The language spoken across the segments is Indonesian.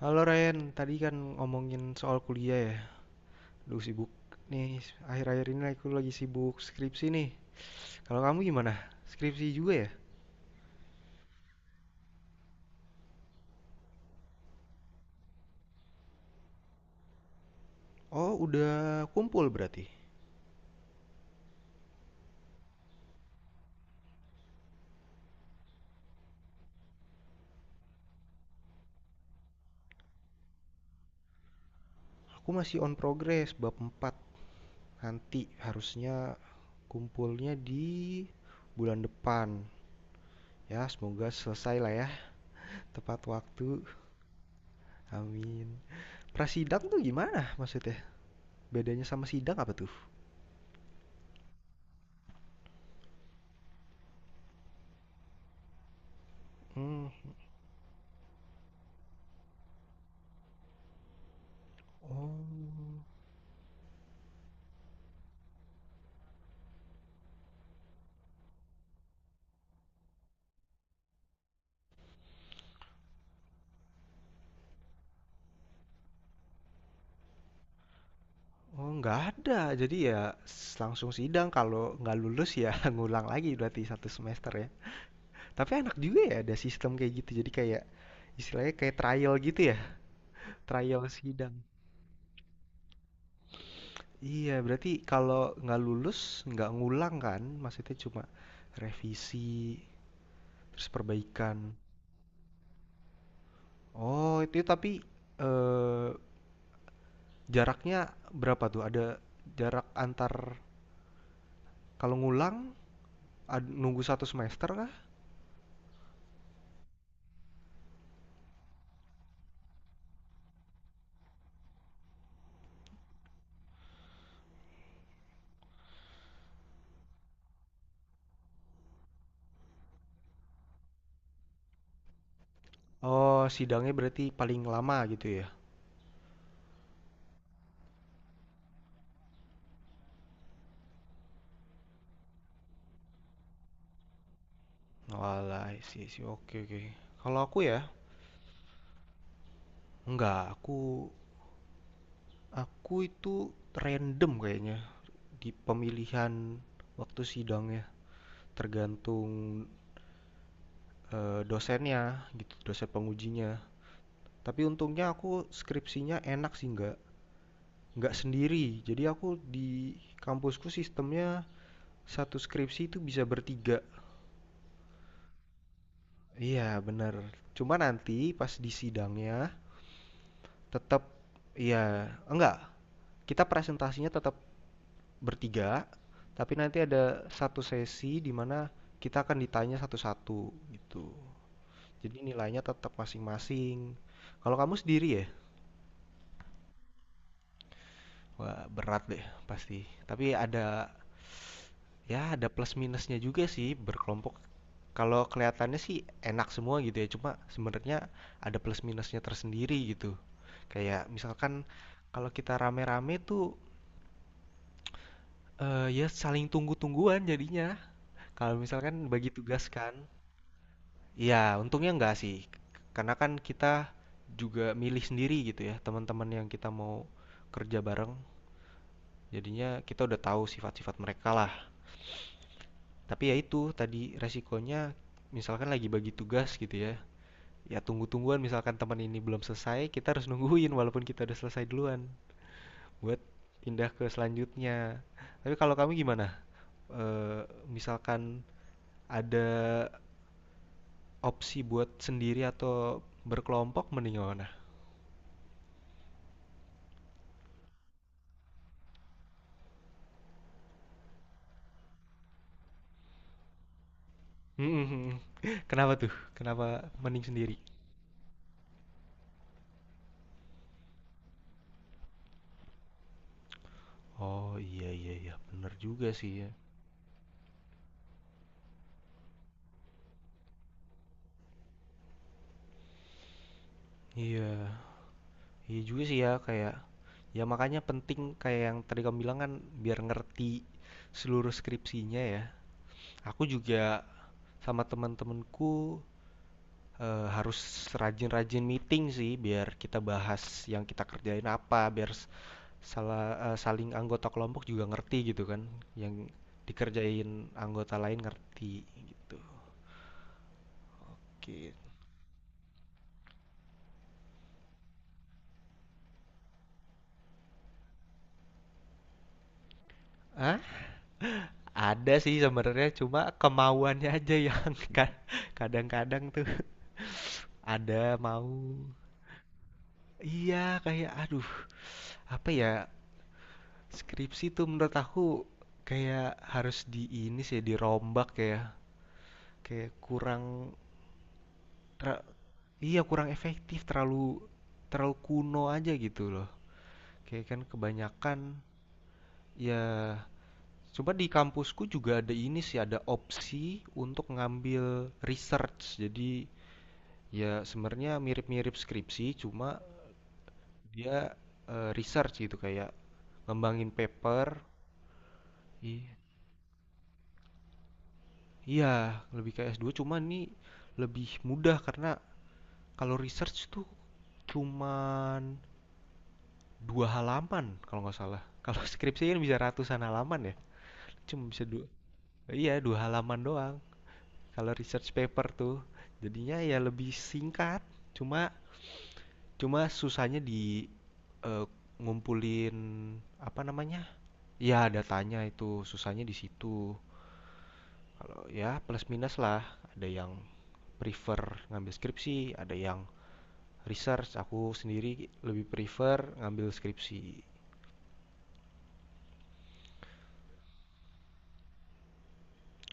Halo Ryan, tadi kan ngomongin soal kuliah ya. Duh sibuk nih, akhir-akhir ini aku lagi sibuk skripsi nih. Kalau kamu gimana? Skripsi juga ya? Oh, udah kumpul berarti. Aku masih on progress bab 4. Nanti harusnya kumpulnya di bulan depan. Ya, semoga selesai lah ya, tepat waktu. Amin. Prasidang tuh gimana maksudnya? Bedanya sama sidang apa tuh? Hmm, oh. Oh, nggak ada. Jadi ya langsung sidang. Kalau nggak lulus ya ngulang lagi berarti satu semester ya. Tapi enak juga ya ada sistem kayak gitu. Jadi kayak istilahnya kayak trial gitu ya. Trial sidang. Iya, berarti kalau nggak lulus nggak ngulang kan? Maksudnya cuma revisi terus perbaikan. Oh, itu tapi eh, jaraknya berapa tuh? Ada jarak antar kalau ngulang nunggu satu semester kah? Oh, sidangnya berarti paling lama gitu ya? Walah, sih sih. Oke, oke. Kalau aku ya, enggak. Aku itu random kayaknya di pemilihan waktu sidangnya, tergantung dosennya gitu, dosen pengujinya. Tapi untungnya aku skripsinya enak sih, enggak nggak sendiri. Jadi aku di kampusku sistemnya satu skripsi itu bisa bertiga. Iya, bener. Cuma nanti pas di sidangnya tetap iya, enggak, kita presentasinya tetap bertiga, tapi nanti ada satu sesi di mana kita akan ditanya satu-satu gitu. Jadi nilainya tetap masing-masing. Kalau kamu sendiri ya? Wah, berat deh pasti. Tapi ada ya ada plus minusnya juga sih berkelompok. Kalau kelihatannya sih enak semua gitu ya, cuma sebenarnya ada plus minusnya tersendiri gitu. Kayak misalkan kalau kita rame-rame tuh ya saling tunggu-tungguan jadinya. Kalau misalkan bagi tugas kan, ya untungnya enggak sih, karena kan kita juga milih sendiri gitu ya, teman-teman yang kita mau kerja bareng. Jadinya kita udah tahu sifat-sifat mereka lah. Tapi ya itu tadi resikonya, misalkan lagi bagi tugas gitu ya, ya tunggu-tungguan misalkan teman ini belum selesai, kita harus nungguin walaupun kita udah selesai duluan buat pindah ke selanjutnya. Tapi kalau kamu gimana? Eh, misalkan ada opsi buat sendiri atau berkelompok mending mana? Mhm mhm. Kenapa tuh? Kenapa mending sendiri? Oh, iya iya iya, bener juga sih ya. Iya, iya juga sih ya kayak ya makanya penting kayak yang tadi kamu bilang kan biar ngerti seluruh skripsinya ya. Aku juga sama teman-temanku, harus rajin-rajin meeting sih biar kita bahas yang kita kerjain apa, biar saling anggota kelompok juga ngerti gitu kan, yang dikerjain anggota lain ngerti gitu, oke. Hah? Ada sih sebenarnya cuma kemauannya aja yang kadang-kadang tuh ada mau iya kayak aduh apa ya, skripsi tuh menurut aku kayak harus di ini sih dirombak ya, kayak kurang tra iya kurang efektif terlalu terlalu kuno aja gitu loh. Oke, kan kebanyakan ya coba di kampusku juga ada ini sih, ada opsi untuk ngambil research. Jadi ya sebenarnya mirip-mirip skripsi, cuma dia research gitu kayak ngembangin paper. I- Iya, lebih kayak S2 cuma ini lebih mudah karena kalau research tuh cuman dua halaman kalau nggak salah. Kalau skripsi kan bisa ratusan halaman ya, cuma bisa dua. Iya, dua halaman doang. Kalau research paper tuh jadinya ya lebih singkat, cuma cuma susahnya di eh, ngumpulin apa namanya? Ya datanya itu susahnya di situ. Kalau ya plus minus lah, ada yang prefer ngambil skripsi, ada yang research. Aku sendiri lebih prefer ngambil skripsi.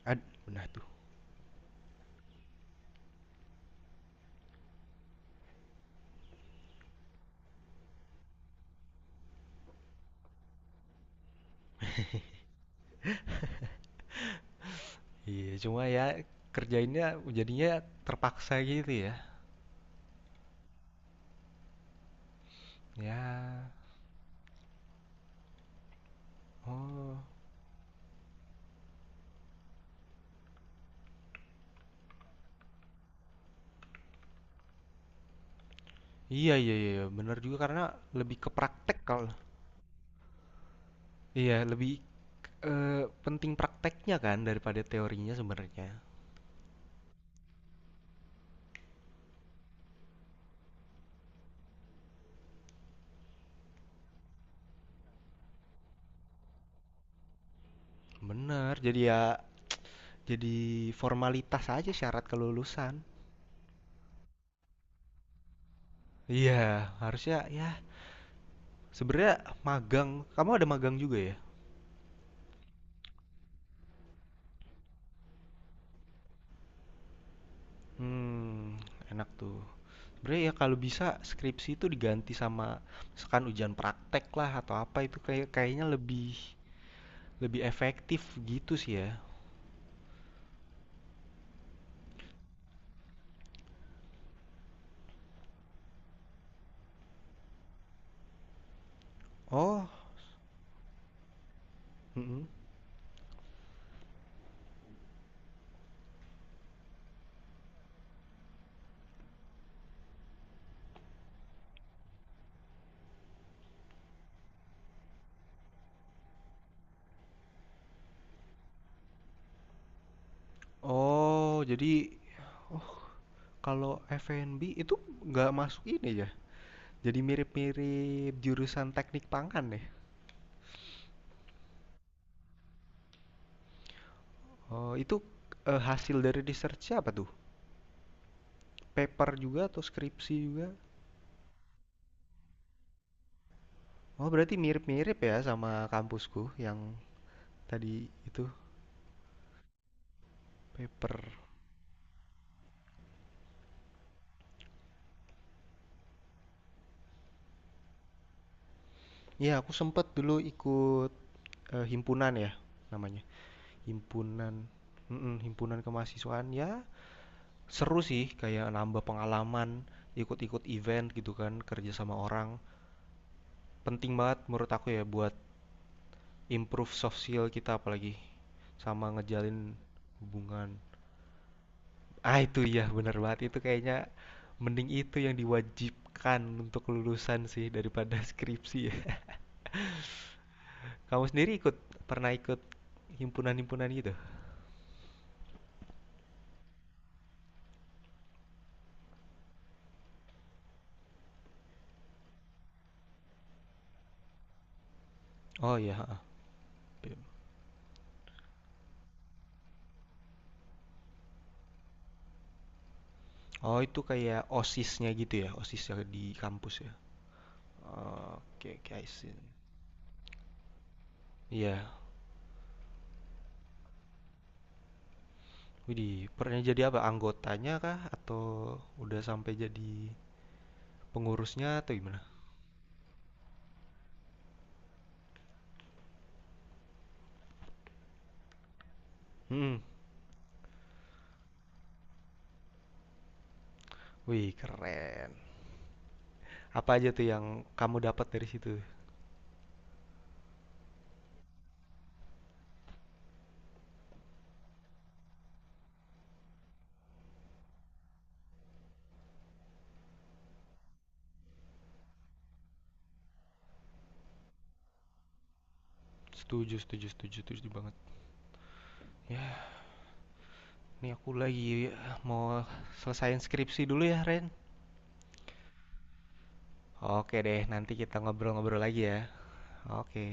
Benar tuh. Iya, cuma ya kerjainnya jadinya terpaksa gitu ya. Ya. Oh. Iya iya iya iya, bener juga karena lebih ke praktek kalau iya lebih eh, penting prakteknya kan daripada teorinya sebenarnya. Bener, jadi ya jadi formalitas aja syarat kelulusan. Iya, harusnya ya sebenarnya magang. Kamu ada magang juga ya? Hmm, enak tuh. Sebenarnya ya kalau bisa skripsi itu diganti sama misalkan ujian praktek lah atau apa itu kayak kayaknya lebih lebih efektif gitu sih ya. Oh, mm-mm. Oh, jadi oh kalau F&B itu nggak masuk ini ya? Jadi mirip-mirip jurusan teknik pangan ya? Oh, itu hasil dari research apa tuh? Paper juga atau skripsi juga? Oh, berarti mirip-mirip ya sama kampusku yang tadi itu paper. Iya, aku sempet dulu ikut himpunan ya namanya. Himpunan, mm-mm, himpunan kemahasiswaan ya. Seru sih kayak nambah pengalaman, ikut-ikut event gitu kan, kerja sama orang. Penting banget menurut aku ya buat improve soft skill kita apalagi sama ngejalin hubungan. Ah itu ya bener banget itu kayaknya mending itu yang diwajibkan untuk lulusan sih daripada skripsi ya. Kamu sendiri ikut pernah ikut himpunan-himpunan gitu? Oh iya, oh itu kayak OSIS-nya gitu ya, OSIS ya di kampus ya. Oke, okay, guys. Iya, widih, pernah jadi apa? Anggotanya kah? Atau udah sampai jadi pengurusnya atau gimana? Hmm, wih, keren. Apa aja tuh yang kamu dapat dari situ? Setuju, setuju, setuju, setuju banget. Ya, ini aku lagi mau selesaiin skripsi dulu ya, Ren. Oke deh, nanti kita ngobrol-ngobrol lagi ya. Oke.